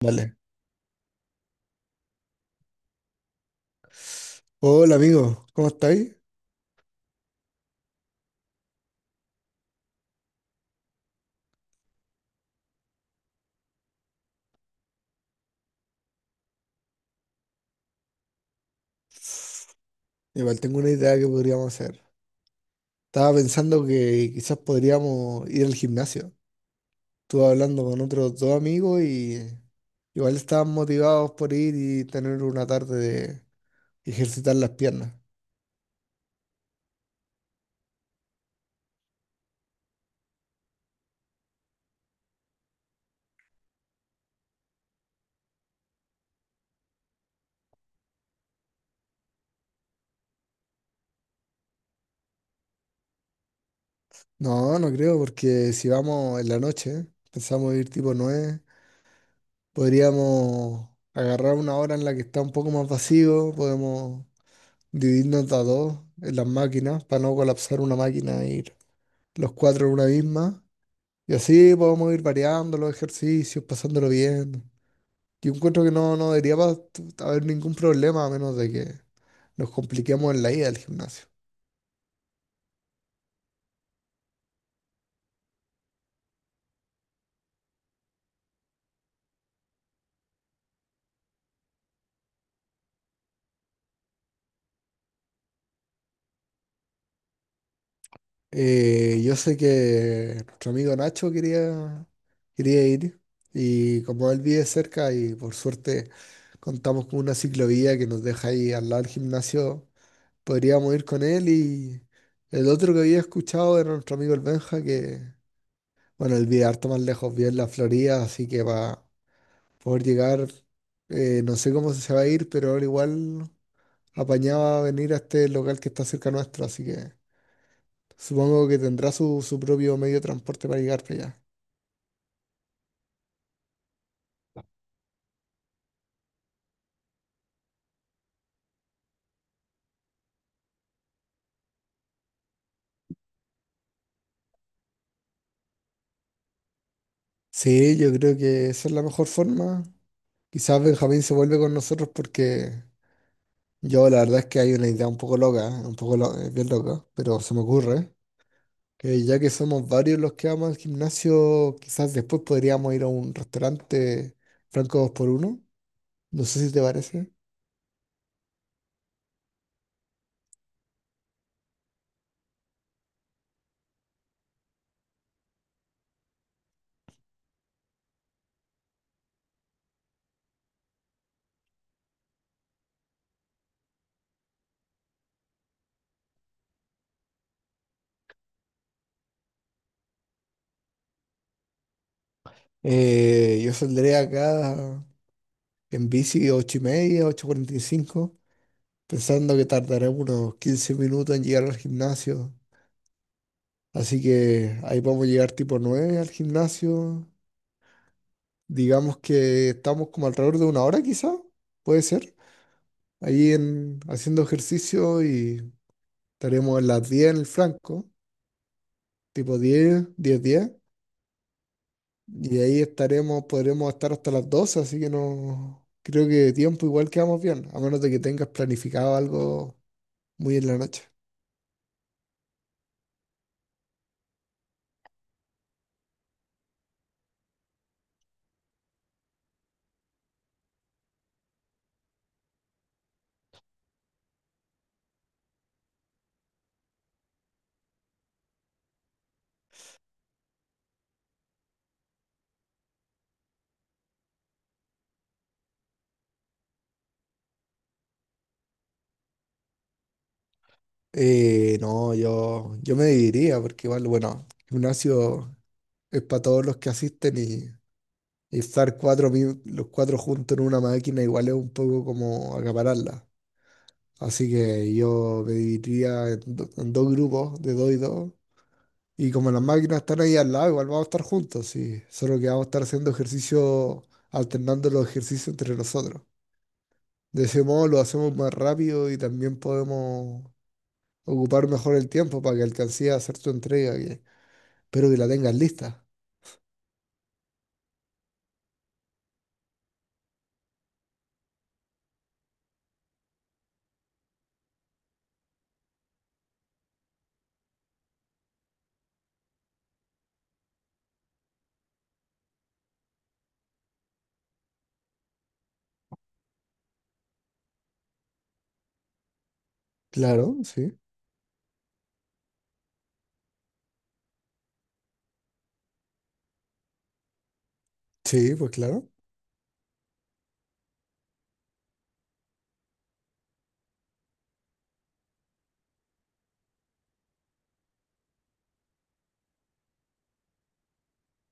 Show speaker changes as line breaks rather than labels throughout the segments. Vale. Hola amigo, ¿cómo estáis? Igual tengo una idea que podríamos hacer. Estaba pensando que quizás podríamos ir al gimnasio. Estuve hablando con otros dos amigos y igual estaban motivados por ir y tener una tarde de ejercitar las piernas. No, no creo, porque si vamos en la noche, pensamos ir tipo 9, podríamos agarrar una hora en la que está un poco más vacío, podemos dividirnos a dos en las máquinas para no colapsar una máquina y los cuatro en una misma. Y así podemos ir variando los ejercicios, pasándolo bien. Yo encuentro que no, no debería haber ningún problema a menos de que nos compliquemos en la ida al gimnasio. Yo sé que nuestro amigo Nacho quería ir, y como él vive cerca y por suerte contamos con una ciclovía que nos deja ahí al lado del gimnasio, podríamos ir con él, y el otro que había escuchado era nuestro amigo el Benja que, bueno, el video harto más lejos, vive en la Florida, así que va poder llegar. No sé cómo se va a ir, pero ahora igual apañaba venir a este local que está cerca nuestro, así que supongo que tendrá su propio medio de transporte para llegar para allá. Sí, yo creo que esa es la mejor forma. Quizás Benjamín se vuelve con nosotros porque yo la verdad es que hay una idea un poco loca, ¿eh? Un poco bien loca, pero se me ocurre. Que ya que somos varios los que vamos al gimnasio, quizás después podríamos ir a un restaurante franco dos por uno. No sé si te parece. Yo saldré acá en bici 8:30, 8:45, pensando que tardaré unos 15 minutos en llegar al gimnasio. Así que ahí vamos a llegar tipo 9 al gimnasio. Digamos que estamos como alrededor de una hora, quizá puede ser. Ahí en, haciendo ejercicio, y estaremos a las 10 en el franco, tipo 10 10 diez. Y de ahí estaremos, podremos estar hasta las 12, así que no creo que de tiempo, igual quedamos bien, a menos de que tengas planificado algo muy en la noche. No, yo me dividiría, porque igual, bueno, gimnasio es para todos los que asisten, y estar cuatro, los cuatro juntos en una máquina igual es un poco como acapararla. Así que yo me dividiría en, en dos grupos, de dos y dos. Y como las máquinas están ahí al lado, igual vamos a estar juntos, y solo que vamos a estar haciendo ejercicio, alternando los ejercicios entre nosotros. De ese modo lo hacemos más rápido y también podemos ocupar mejor el tiempo para que alcances a hacer tu entrega, que espero que la tengas lista. Claro, sí. Sí, pues claro.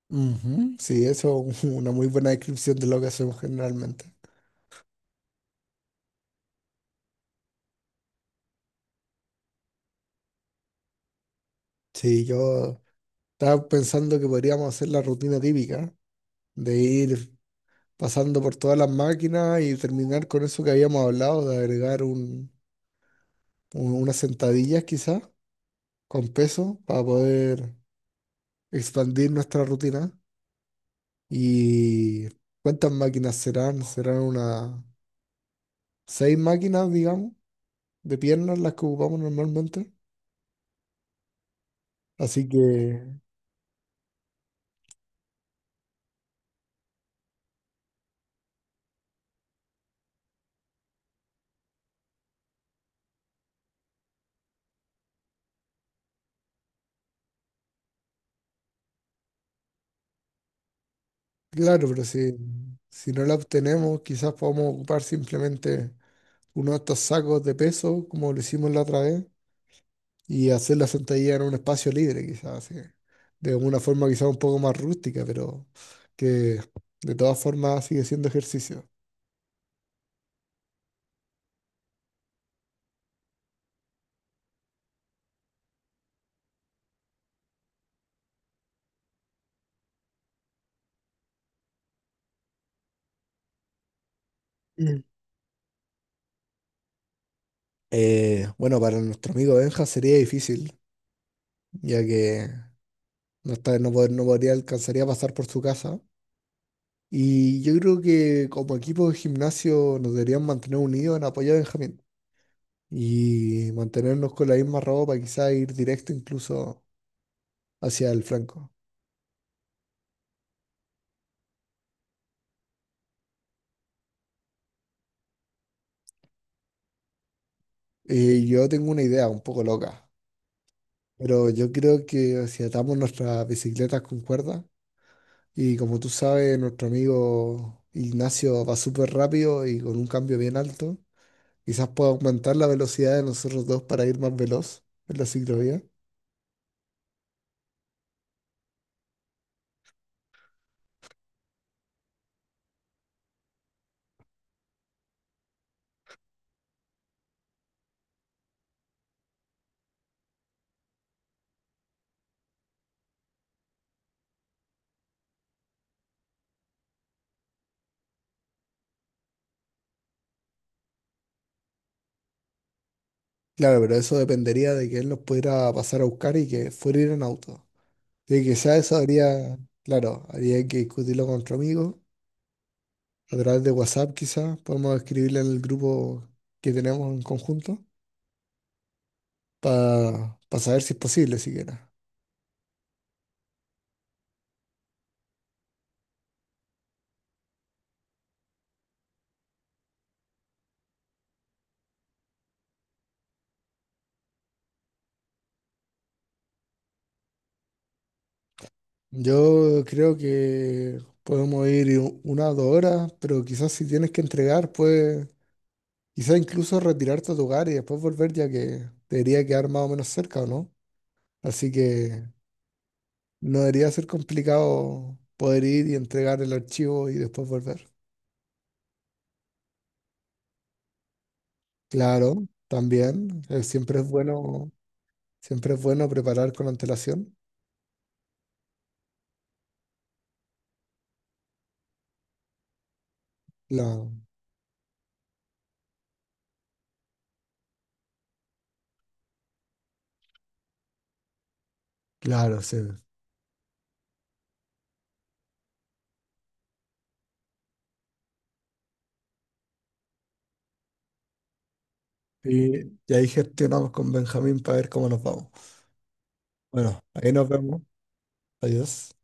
Ujú. Sí, eso es una muy buena descripción de lo que hacemos generalmente. Sí, yo estaba pensando que podríamos hacer la rutina típica de ir pasando por todas las máquinas y terminar con eso que habíamos hablado de agregar unas sentadillas quizás con peso para poder expandir nuestra rutina. ¿Y cuántas máquinas serán? Serán unas seis máquinas, digamos, de piernas las que ocupamos normalmente. Así que, claro, pero si no la obtenemos, quizás podamos ocupar simplemente uno de estos sacos de peso, como lo hicimos la otra vez, y hacer la sentadilla en un espacio libre, quizás, así, de una forma quizás un poco más rústica, pero que de todas formas sigue siendo ejercicio. Mm. Bueno, para nuestro amigo Benja sería difícil, ya que no, está, no, no podría, alcanzaría a pasar por su casa. Y yo creo que como equipo de gimnasio nos deberían mantener unidos en apoyo a Benjamín y mantenernos con la misma ropa, quizás ir directo incluso hacia el flanco. Yo tengo una idea un poco loca. Pero yo creo que si atamos nuestras bicicletas con cuerdas, y como tú sabes, nuestro amigo Ignacio va súper rápido y con un cambio bien alto, quizás pueda aumentar la velocidad de nosotros dos para ir más veloz en la ciclovía. Claro, pero eso dependería de que él nos pudiera pasar a buscar y que fuera ir en auto. Y quizás eso habría, claro, habría que discutirlo con nuestro amigo a través de WhatsApp, quizás podemos escribirle en el grupo que tenemos en conjunto para saber si es posible siquiera. Yo creo que podemos ir 1 o 2 horas, pero quizás si tienes que entregar, pues quizás incluso retirarte a tu hogar y después volver, ya que debería quedar más o menos cerca, ¿o no? Así que no debería ser complicado poder ir y entregar el archivo y después volver. Claro, también, siempre es bueno preparar con antelación. Claro, claro, sí. Y, y ahí gestionamos con Benjamín para ver cómo nos vamos. Bueno, ahí nos vemos. Adiós.